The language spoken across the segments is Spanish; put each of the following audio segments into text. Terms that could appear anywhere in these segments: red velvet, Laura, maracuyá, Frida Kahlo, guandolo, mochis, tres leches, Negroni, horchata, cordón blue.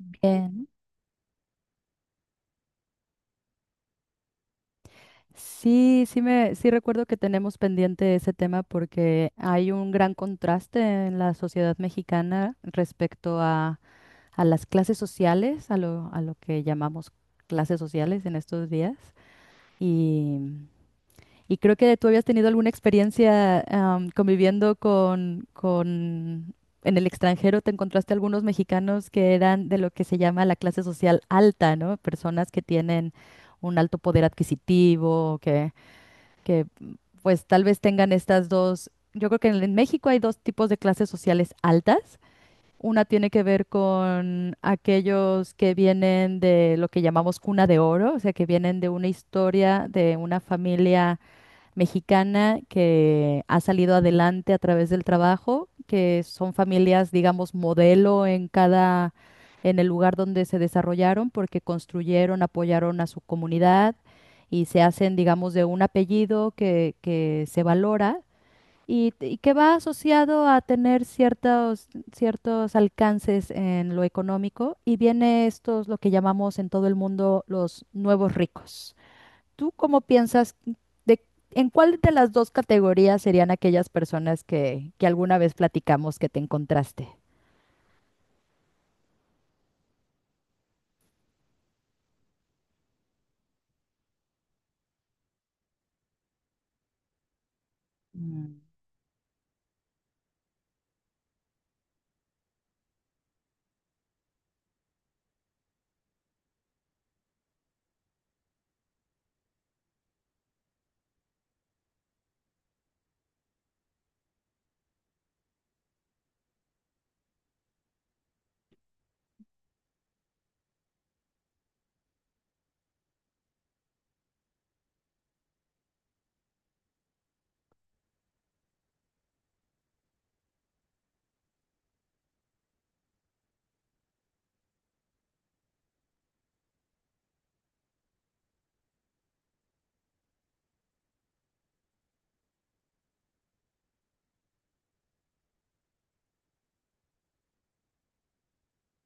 Bien. Sí, sí recuerdo que tenemos pendiente ese tema porque hay un gran contraste en la sociedad mexicana respecto a las clases sociales, a lo que llamamos clases sociales en estos días. Y, y creo que tú habías tenido alguna experiencia conviviendo en el extranjero, te encontraste algunos mexicanos que eran de lo que se llama la clase social alta, ¿no? Personas que tienen un alto poder adquisitivo, que pues tal vez tengan estas dos. Yo creo que en México hay dos tipos de clases sociales altas. Una tiene que ver con aquellos que vienen de lo que llamamos cuna de oro, o sea, que vienen de una historia, de una familia mexicana que ha salido adelante a través del trabajo, que son familias, digamos, modelo en el lugar donde se desarrollaron, porque construyeron, apoyaron a su comunidad y se hacen, digamos, de un apellido que se valora y que va asociado a tener ciertos alcances en lo económico. Y viene estos, lo que llamamos en todo el mundo los nuevos ricos. ¿Tú cómo piensas de en cuál de las dos categorías serían aquellas personas que alguna vez platicamos que te encontraste? Mm.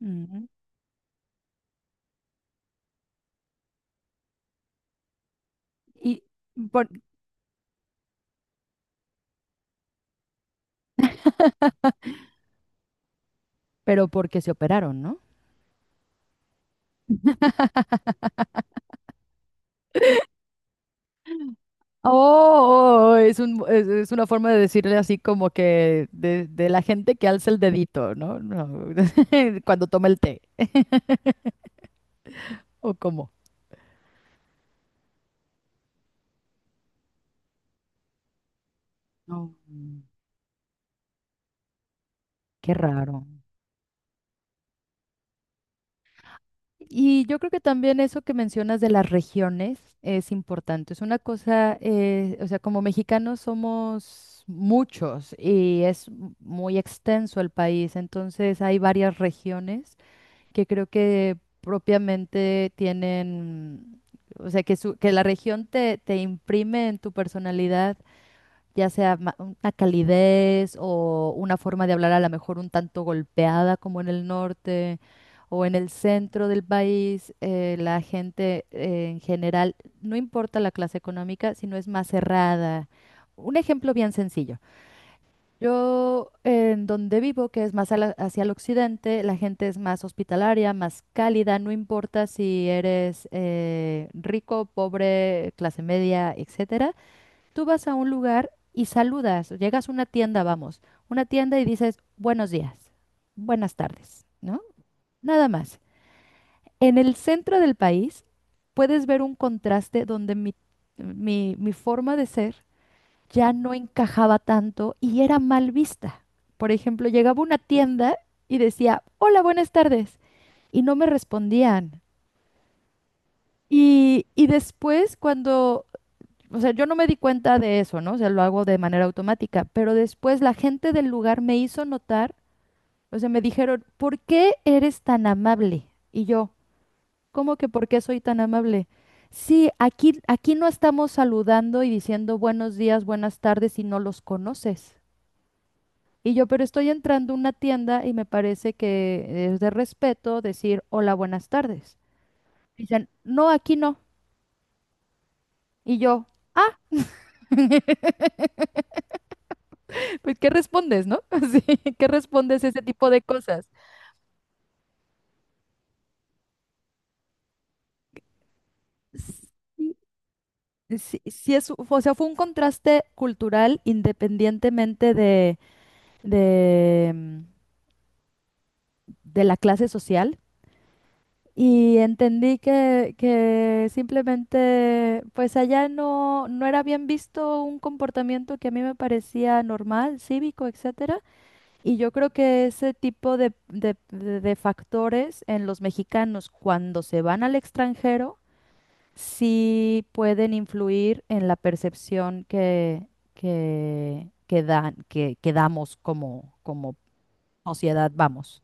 Ujú. Y por- pero porque se operaron, ¿no? Oh, oh, es una forma de decirle así como que de la gente que alza el dedito, ¿no? No, cuando toma el té. ¿O cómo? No. Qué raro. Y yo creo que también eso que mencionas de las regiones es importante. Es una cosa, o sea, como mexicanos somos muchos y es muy extenso el país, entonces hay varias regiones que creo que propiamente tienen, o sea, que, que la región te imprime en tu personalidad ya sea una calidez o una forma de hablar a lo mejor un tanto golpeada como en el norte o en el centro del país, la gente en general, no importa la clase económica, sino es más cerrada. Un ejemplo bien sencillo. Yo en donde vivo, que es más a hacia el occidente, la gente es más hospitalaria, más cálida, no importa si eres rico, pobre, clase media, etc. Tú vas a un lugar y saludas, llegas a una tienda, vamos, una tienda y dices buenos días, buenas tardes, ¿no? Nada más. En el centro del país puedes ver un contraste donde mi forma de ser ya no encajaba tanto y era mal vista. Por ejemplo, llegaba a una tienda y decía, hola, buenas tardes, y no me respondían. Y después, cuando... O sea, yo no me di cuenta de eso, ¿no? O sea, lo hago de manera automática, pero después la gente del lugar me hizo notar, o sea, me dijeron, ¿por qué eres tan amable? Y yo, ¿cómo que por qué soy tan amable? Sí, aquí no estamos saludando y diciendo buenos días, buenas tardes si no los conoces. Y yo, pero estoy entrando a una tienda y me parece que es de respeto decir hola, buenas tardes. Dicen, no, aquí no. Y yo, ah. Pues, ¿qué respondes, no? Sí, ¿qué respondes a ese tipo de cosas? Sí, sí es, o sea, fue un contraste cultural independientemente de, de, mm, de la clase social. Y entendí que simplemente, pues allá no, no era bien visto un comportamiento que a mí me parecía normal, cívico, etcétera. Y yo creo que ese tipo de, de factores en los mexicanos cuando se van al extranjero sí pueden influir en la percepción que dan, que damos como, como sociedad, vamos.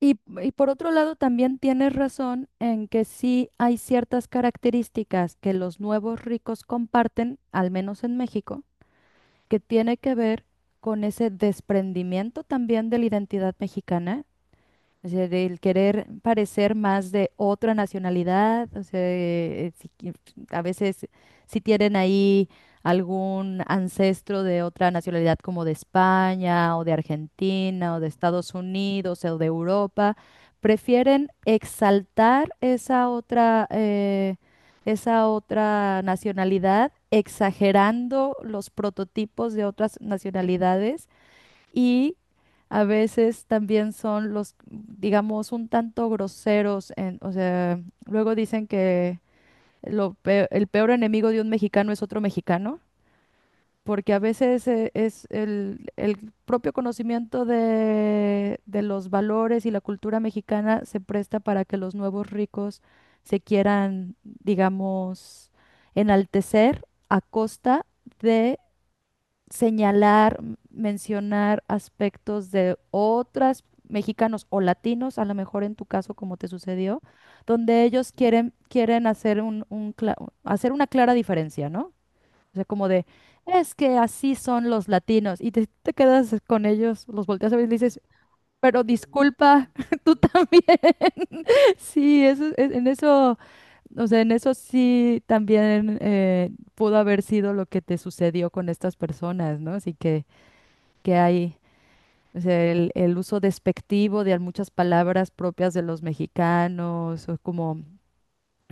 Y por otro lado, también tienes razón en que sí hay ciertas características que los nuevos ricos comparten, al menos en México, que tiene que ver con ese desprendimiento también de la identidad mexicana. O sea, del querer parecer más de otra nacionalidad, o sea, a veces si tienen ahí algún ancestro de otra nacionalidad como de España o de Argentina o de Estados Unidos o de Europa, prefieren exaltar esa otra nacionalidad, exagerando los prototipos de otras nacionalidades y a veces también son los, digamos, un tanto groseros en, o sea, luego dicen que el peor enemigo de un mexicano es otro mexicano, porque a veces es el propio conocimiento de los valores y la cultura mexicana se presta para que los nuevos ricos se quieran, digamos, enaltecer a costa señalar, mencionar aspectos de otras mexicanos o latinos, a lo mejor en tu caso como te sucedió, donde ellos quieren, quieren hacer hacer una clara diferencia, ¿no? O sea, como de, es que así son los latinos, y te quedas con ellos, los volteas a ver y dices, pero disculpa, tú también. Sí, eso, en eso, o sea, en eso sí también pudo haber sido lo que te sucedió con estas personas, ¿no? Así que hay, o sea, el uso despectivo de muchas palabras propias de los mexicanos, o como,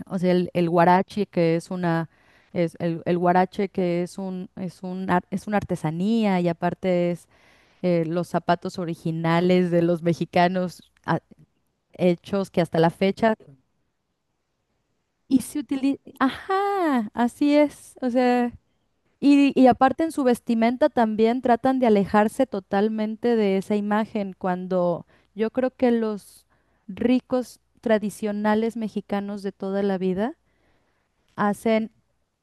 o sea, el huarache, que es una, es el huarache que es un, es un es una artesanía y aparte es los zapatos originales de los mexicanos ah, hechos que hasta la fecha, y se utiliza, ajá, así es, o sea... Y aparte en su vestimenta también tratan de alejarse totalmente de esa imagen, cuando yo creo que los ricos tradicionales mexicanos de toda la vida hacen,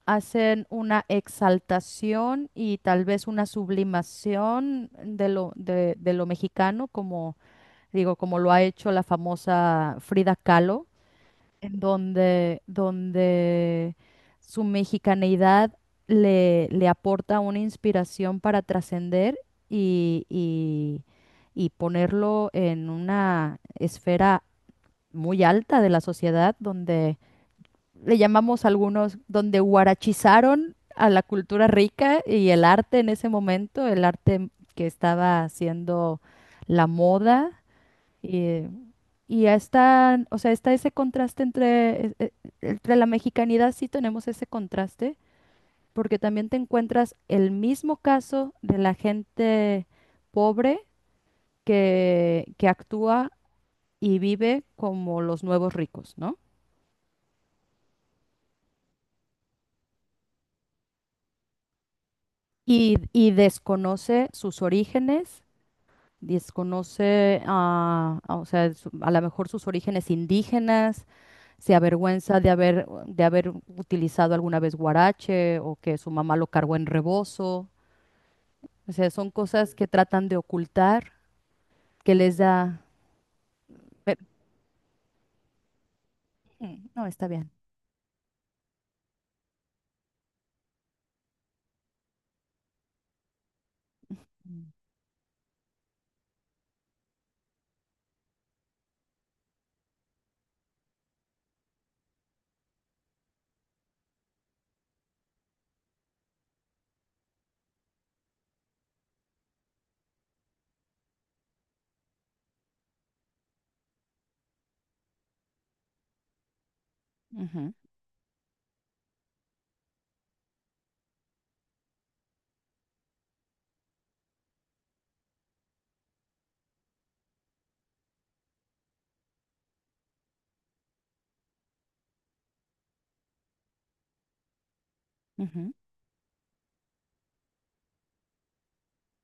hacen una exaltación y tal vez una sublimación de lo, de lo mexicano, como digo, como lo ha hecho la famosa Frida Kahlo en donde, donde su mexicaneidad le aporta una inspiración para trascender y, y- y ponerlo en una esfera muy alta de la sociedad, donde le llamamos algunos, donde guarachizaron a la cultura rica y el arte en ese momento, el arte que estaba haciendo la moda. Y ya está, o sea, está ese contraste entre la mexicanidad, sí tenemos ese contraste, porque también te encuentras el mismo caso de la gente pobre que actúa y vive como los nuevos ricos, ¿no? Y desconoce sus orígenes, desconoce, ah, ah, o sea, a lo mejor sus orígenes indígenas, se avergüenza de haber utilizado alguna vez guarache o que su mamá lo cargó en rebozo. O sea, son cosas que tratan de ocultar, que les da... pe- no, está bien.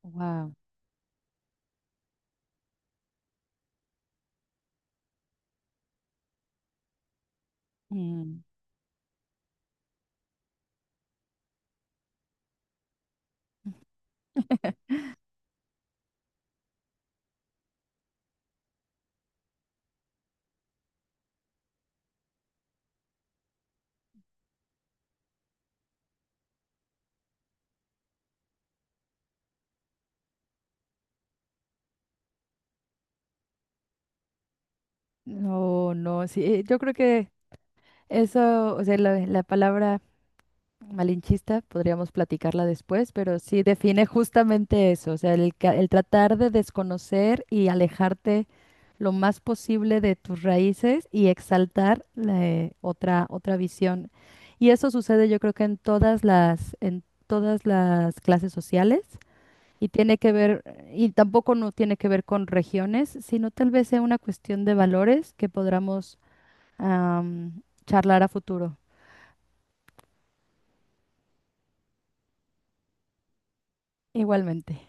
Wow. No, no, sí, yo creo que eso, o sea, la palabra malinchista, podríamos platicarla después, pero sí define justamente eso, o sea, el tratar de desconocer y alejarte lo más posible de tus raíces y exaltar la, otra, otra visión. Y eso sucede yo creo que en todas las clases sociales y tiene que ver, y tampoco no tiene que ver con regiones, sino tal vez sea una cuestión de valores que podamos charlar a futuro igualmente.